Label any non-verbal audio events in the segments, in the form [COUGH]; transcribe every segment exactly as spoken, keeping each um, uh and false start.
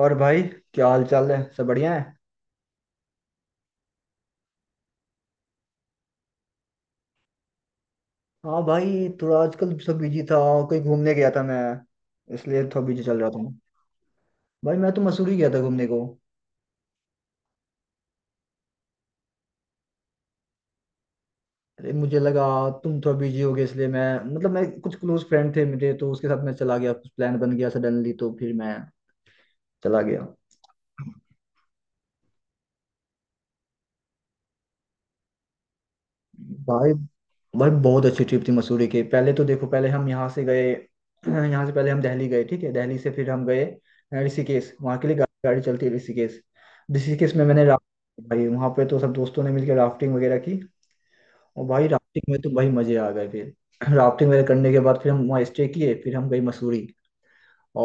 और भाई, क्या हाल चाल है? सब बढ़िया है? हाँ भाई, थोड़ा आजकल सब बिजी था। कहीं घूमने गया था मैं, इसलिए थोड़ा बिजी चल रहा था मैं। भाई मैं तो मसूरी गया था घूमने को। अरे मुझे लगा तुम थोड़ा बिजी हो गए इसलिए मैं, मतलब मैं कुछ क्लोज फ्रेंड थे मेरे, तो उसके साथ मैं चला गया, कुछ प्लान बन गया सडनली, तो फिर मैं चला गया। भाई, भाई बहुत अच्छी ट्रिप थी मसूरी की। पहले तो देखो, पहले हम यहाँ से गए। यहाँ से पहले हम दिल्ली गए, ठीक है? दिल्ली से फिर हम गए अ, ऋषिकेश। वहाँ के लिए गा- गाड़ी चलती है ऋषिकेश। ऋषिकेश में मैंने राफ्टिंग भाई, वहाँ पे तो सब दोस्तों ने मिलकर राफ्टिंग वगैरह की। और भाई राफ्टिंग में तो भाई मजे आ गए। फिर [CLEARS THROAT] राफ्टिंग वगैरह करने के बाद फिर हम वहाँ स्टे किए, फिर हम गए मसूरी।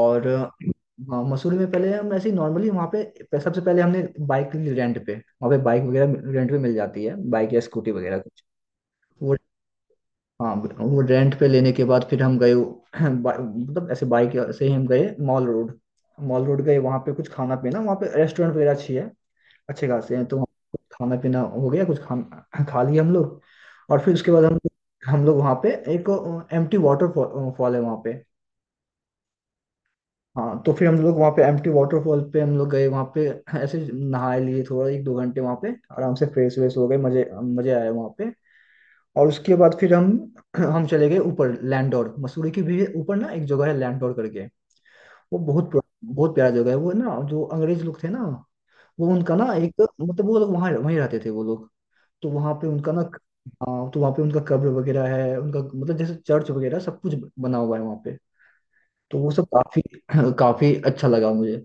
और अ, हाँ मसूरी में पहले हम ऐसे ही नॉर्मली वहाँ पे, पे- सबसे पहले हमने बाइक ली रेंट पे, वहाँ पे बाइक वगैरह रेंट पे मिल जाती है, बाइक या स्कूटी वगैरह कुछ। हाँ, वो रेंट पे लेने के बाद फिर हम गए [CLEARS THROAT] बा- मतलब ऐसे बाइक से ही हम गए मॉल रोड। मॉल रोड गए वहाँ पे, कुछ खाना पीना वहाँ पे, रेस्टोरेंट वगैरह अच्छी है, अच्छे खासे हैं तो वहाँ कुछ खाना पीना हो गया। कुछ खा [CLEARS THROAT] खा लिए हम लोग। और फिर उसके बाद हम हम लोग वहाँ पे एक एम्प्टी वाटर फॉल है वहाँ पे। हाँ, तो फिर हम लोग वहाँ पे एम्प्टी वाटरफॉल पे हम लोग गए वहाँ पे। [CLEARS THROAT] ऐसे नहाए लिए थोड़ा एक दो घंटे वहाँ पे, आराम से फ्रेश वेश हो गए। मजे मजे आए वहाँ पे। और उसके बाद फिर हम [CLEARS THROAT] हम चले गए ऊपर लैंडोर, मसूरी के भी ऊपर ना, एक जगह है लैंडोर करके। वो बहुत पुरा- बहुत प्यारा जगह है वो ना। जो अंग्रेज लोग थे ना, वो उनका ना, एक मतलब वो लोग वहाँ वहीं रहते थे वो लोग। तो वहाँ पे उनका ना, हाँ तो वहाँ पे उनका कब्र वगैरह है उनका, मतलब जैसे चर्च वगैरह सब कुछ बना हुआ है वहाँ पे। तो वो सब काफी [CLEARS THROAT] [LAUGHS] काफी अच्छा लगा मुझे।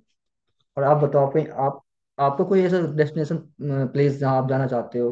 और आप बताओ, कहीं आप, आपका कोई ऐसा डेस्टिनेशन प्लेस जहाँ आप जाना चाहते हो?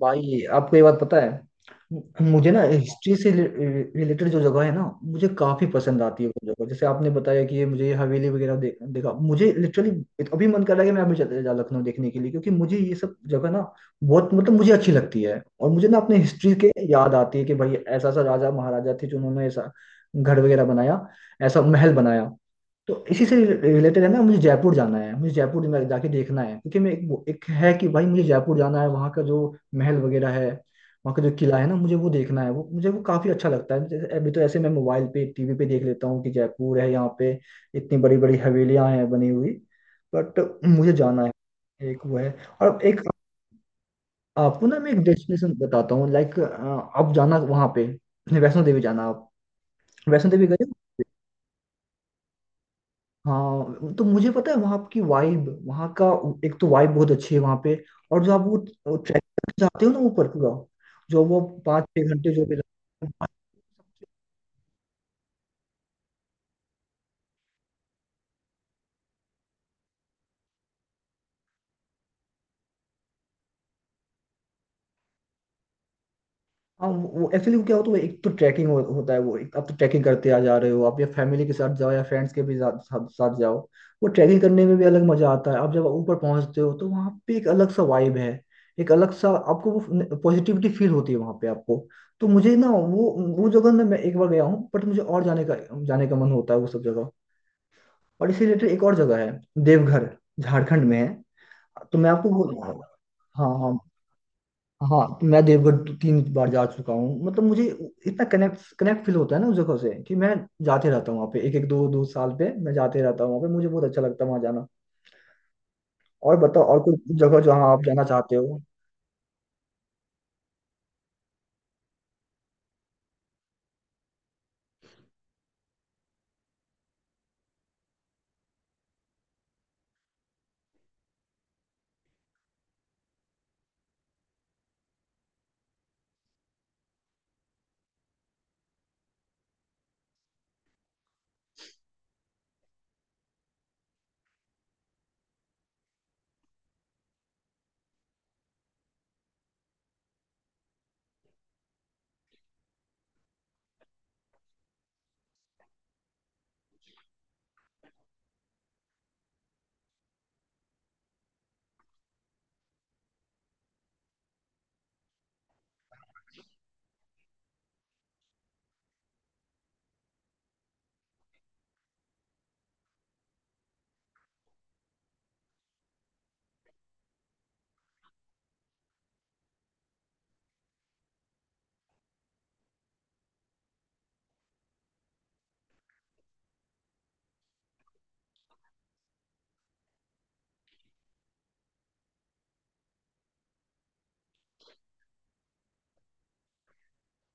भाई आपको ये बात पता है, मुझे ना हिस्ट्री से रिलेटेड जो जगह है ना, मुझे काफी पसंद आती है वो जगह। जैसे आपने बताया कि ये, मुझे ये हवेली वगैरह दे, देखा, मुझे लिटरली अभी मन कर रहा है कि मैं अभी चले जा लखनऊ देखने के लिए। क्योंकि मुझे ये सब जगह ना बहुत, मतलब मुझे अच्छी लगती है, और मुझे ना अपने हिस्ट्री के याद आती है कि भाई ऐसा ऐसा राजा महाराजा थे जिन्होंने ऐसा घर वगैरह बनाया, ऐसा महल बनाया। तो इसी से रिलेटेड है ना, मुझे जयपुर जाना है, मुझे जयपुर में जाके देखना है। क्योंकि मैं एक, वो- एक है कि भाई मुझे जयपुर जाना है, वहाँ का जो महल वगैरह है, वहाँ का जो किला है ना, मुझे वो देखना है, वो मुझे वो काफी अच्छा लगता है। जैसे अभी तो ऐसे मैं मोबाइल पे टीवी पे देख लेता हूँ कि जयपुर है यहाँ पे, इतनी बड़ी बड़ी हवेलियाँ हैं बनी हुई, बट मुझे जाना है एक वो है। और एक आपको ना मैं एक डेस्टिनेशन बताता हूँ, लाइक आप जाना वहाँ पे, वैष्णो देवी जाना आप। वैष्णो देवी गए हो? हाँ, तो मुझे पता है वहाँ की वाइब, वहाँ का एक तो वाइब बहुत अच्छी है वहाँ पे। और जो आप वो ट्रैक जाते हो ना ऊपर पूरा, जो वो पाँच छह घंटे जो भी लगते हैं, हाँ वो एक्चुअली वो क्या होता है, वो एक तो ट्रैकिंग हो, होता है। वो एक आप तो ट्रैकिंग करते आ जा रहे हो आप, या फैमिली के साथ जाओ या फ्रेंड्स के भी साथ साथ, साथ जाओ। वो ट्रैकिंग करने में भी अलग मजा आता है। आप जब ऊपर पहुंचते हो तो वहाँ पे एक अलग सा वाइब है, एक अलग सा आपको वो पॉजिटिविटी फील होती है वहाँ पे आपको। तो मुझे ना वो वो जगह में मैं एक बार गया हूँ, बट मुझे और जाने का जाने का मन होता है, वो सब जगह। और इसी रिलेटेड एक और जगह है, देवघर, झारखंड में है। तो मैं आपको वो- हाँ हाँ हाँ। तो मैं देवगढ़ तीन बार जा चुका हूँ, मतलब मुझे इतना कनेक्ट कनेक्ट फील होता है ना उस जगह से कि मैं जाते रहता हूँ वहाँ पे, एक एक दो दो साल पे मैं जाते रहता हूँ वहाँ पे, मुझे बहुत अच्छा लगता है वहाँ जाना। और बताओ, और कोई जगह जहाँ आप जाना चाहते हो?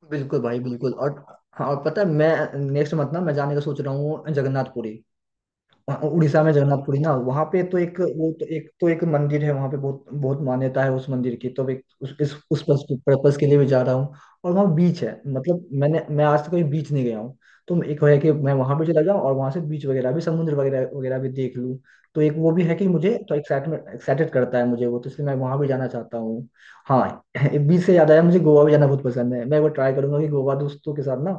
बिल्कुल भाई बिल्कुल, और हाँ, और पता है मैं नेक्स्ट मंथ ना मैं जाने का सोच रहा हूँ, जगन्नाथ पुरी। हाँ, उड़ीसा में जगन्नाथपुरी ना, वहाँ पे तो एक वो तो एक तो एक मंदिर है वहाँ पे, बहुत बहुत मान्यता है उस मंदिर की। तो एक उस इस उस पर्पस के लिए भी जा रहा हूँ। और वहाँ बीच है, मतलब मैंने मैं आज तक कहीं बीच नहीं गया हूँ। तो एक है कि मैं वहाँ भी चला जाऊँ और वहाँ से बीच वगैरह भी, समुद्र वगैरह वगैरह भी देख लूँ। तो एक वो भी है कि मुझे तो एक्साइटमेंट एक्साइटेड करता है मुझे वो, तो इसलिए मैं वहाँ भी जाना चाहता हूँ। हाँ [LAUGHS] बीच से याद आया, मुझे गोवा भी जाना बहुत पसंद है। मैं वो ट्राई करूंगा कि गोवा दोस्तों के साथ ना,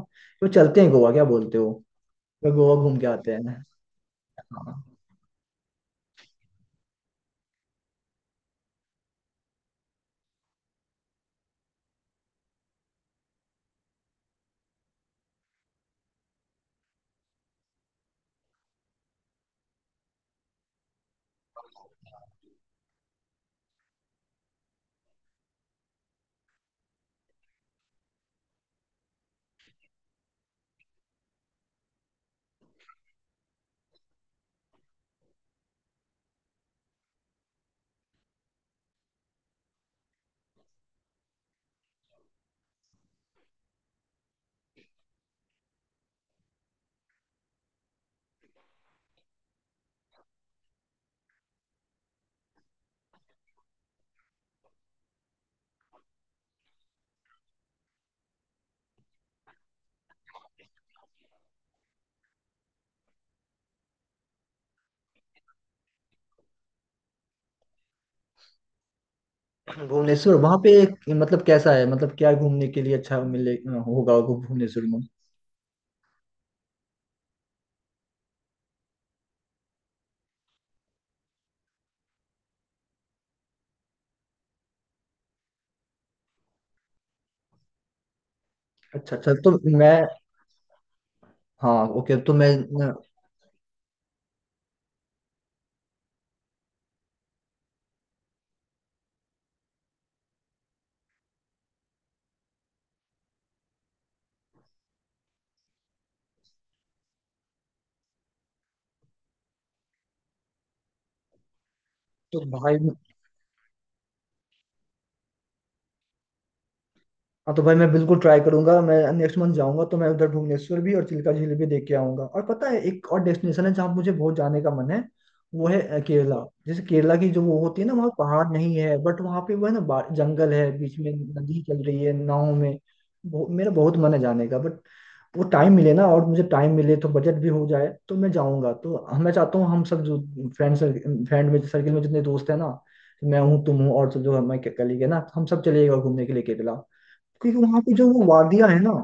वो चलते हैं गोवा, क्या बोलते हो? तो गोवा घूम के आते हैं। हाँ। भुवनेश्वर वहां पे मतलब कैसा है, मतलब क्या घूमने के लिए अच्छा मिले होगा वो भुवनेश्वर में? अच्छा अच्छा, तो मैं, हाँ ओके, तो मैं, तो भाई, हाँ तो भाई मैं बिल्कुल ट्राई करूंगा। मैं नेक्स्ट मंथ जाऊंगा तो मैं उधर भुवनेश्वर भी और चिल्का झील भी देख के आऊंगा। और पता है, एक और डेस्टिनेशन है जहाँ मुझे बहुत जाने का मन है। वो है अ, केरला। जैसे केरला की जो वो होती है ना, वहाँ पहाड़ नहीं है बट वहाँ पे वो है ना, बा- जंगल है, बीच में नदी चल रही है, नाव में, बहु- मेरा बहुत मन है जाने का, बट वो टाइम मिले ना, और मुझे टाइम मिले तो बजट भी हो जाए तो मैं जाऊंगा। तो हम- मैं चाहता हूँ हम सब जो फ्रेंड सर्कल फ्रेंड में सर्किल में जितने दोस्त हैं ना, तो मैं हूँ, तुम हो और सब जो हमारे कलीग है ना, हम सब चले गए घूमने के लिए केरला। क्योंकि वहाँ पे जो वो वादियाँ है ना।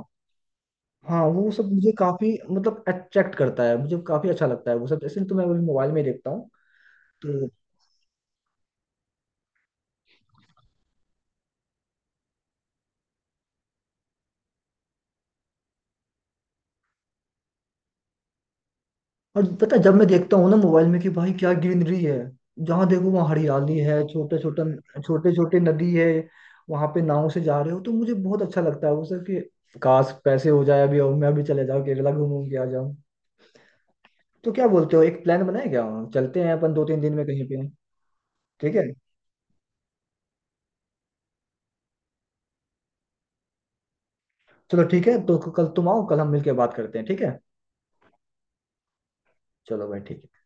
हाँ, वो सब मुझे काफी, मतलब अट्रैक्ट करता है, मुझे काफी अच्छा लगता है वो सब, ऐसे तो मैं अभी मोबाइल में देखता हूँ। तो और पता है, जब मैं देखता हूँ ना मोबाइल में कि भाई क्या ग्रीनरी है, जहाँ देखो वहाँ हरियाली है, छोटे छोटे छोटे छोटे नदी है, वहां पे नाव से जा रहे हो तो मुझे बहुत अच्छा लगता है वो सर कि, काश पैसे हो जाए अभी और मैं भी चले जाऊँ केरला, घूम घूम के आ जाऊँ। तो क्या बोलते हो, एक प्लान बनाए क्या, चलते हैं अपन दो तीन दिन में कहीं पे? ठीक है, चलो ठीक है, तो कल तुम आओ, कल हम मिलके बात करते हैं, ठीक है? चलो भाई ठीक है।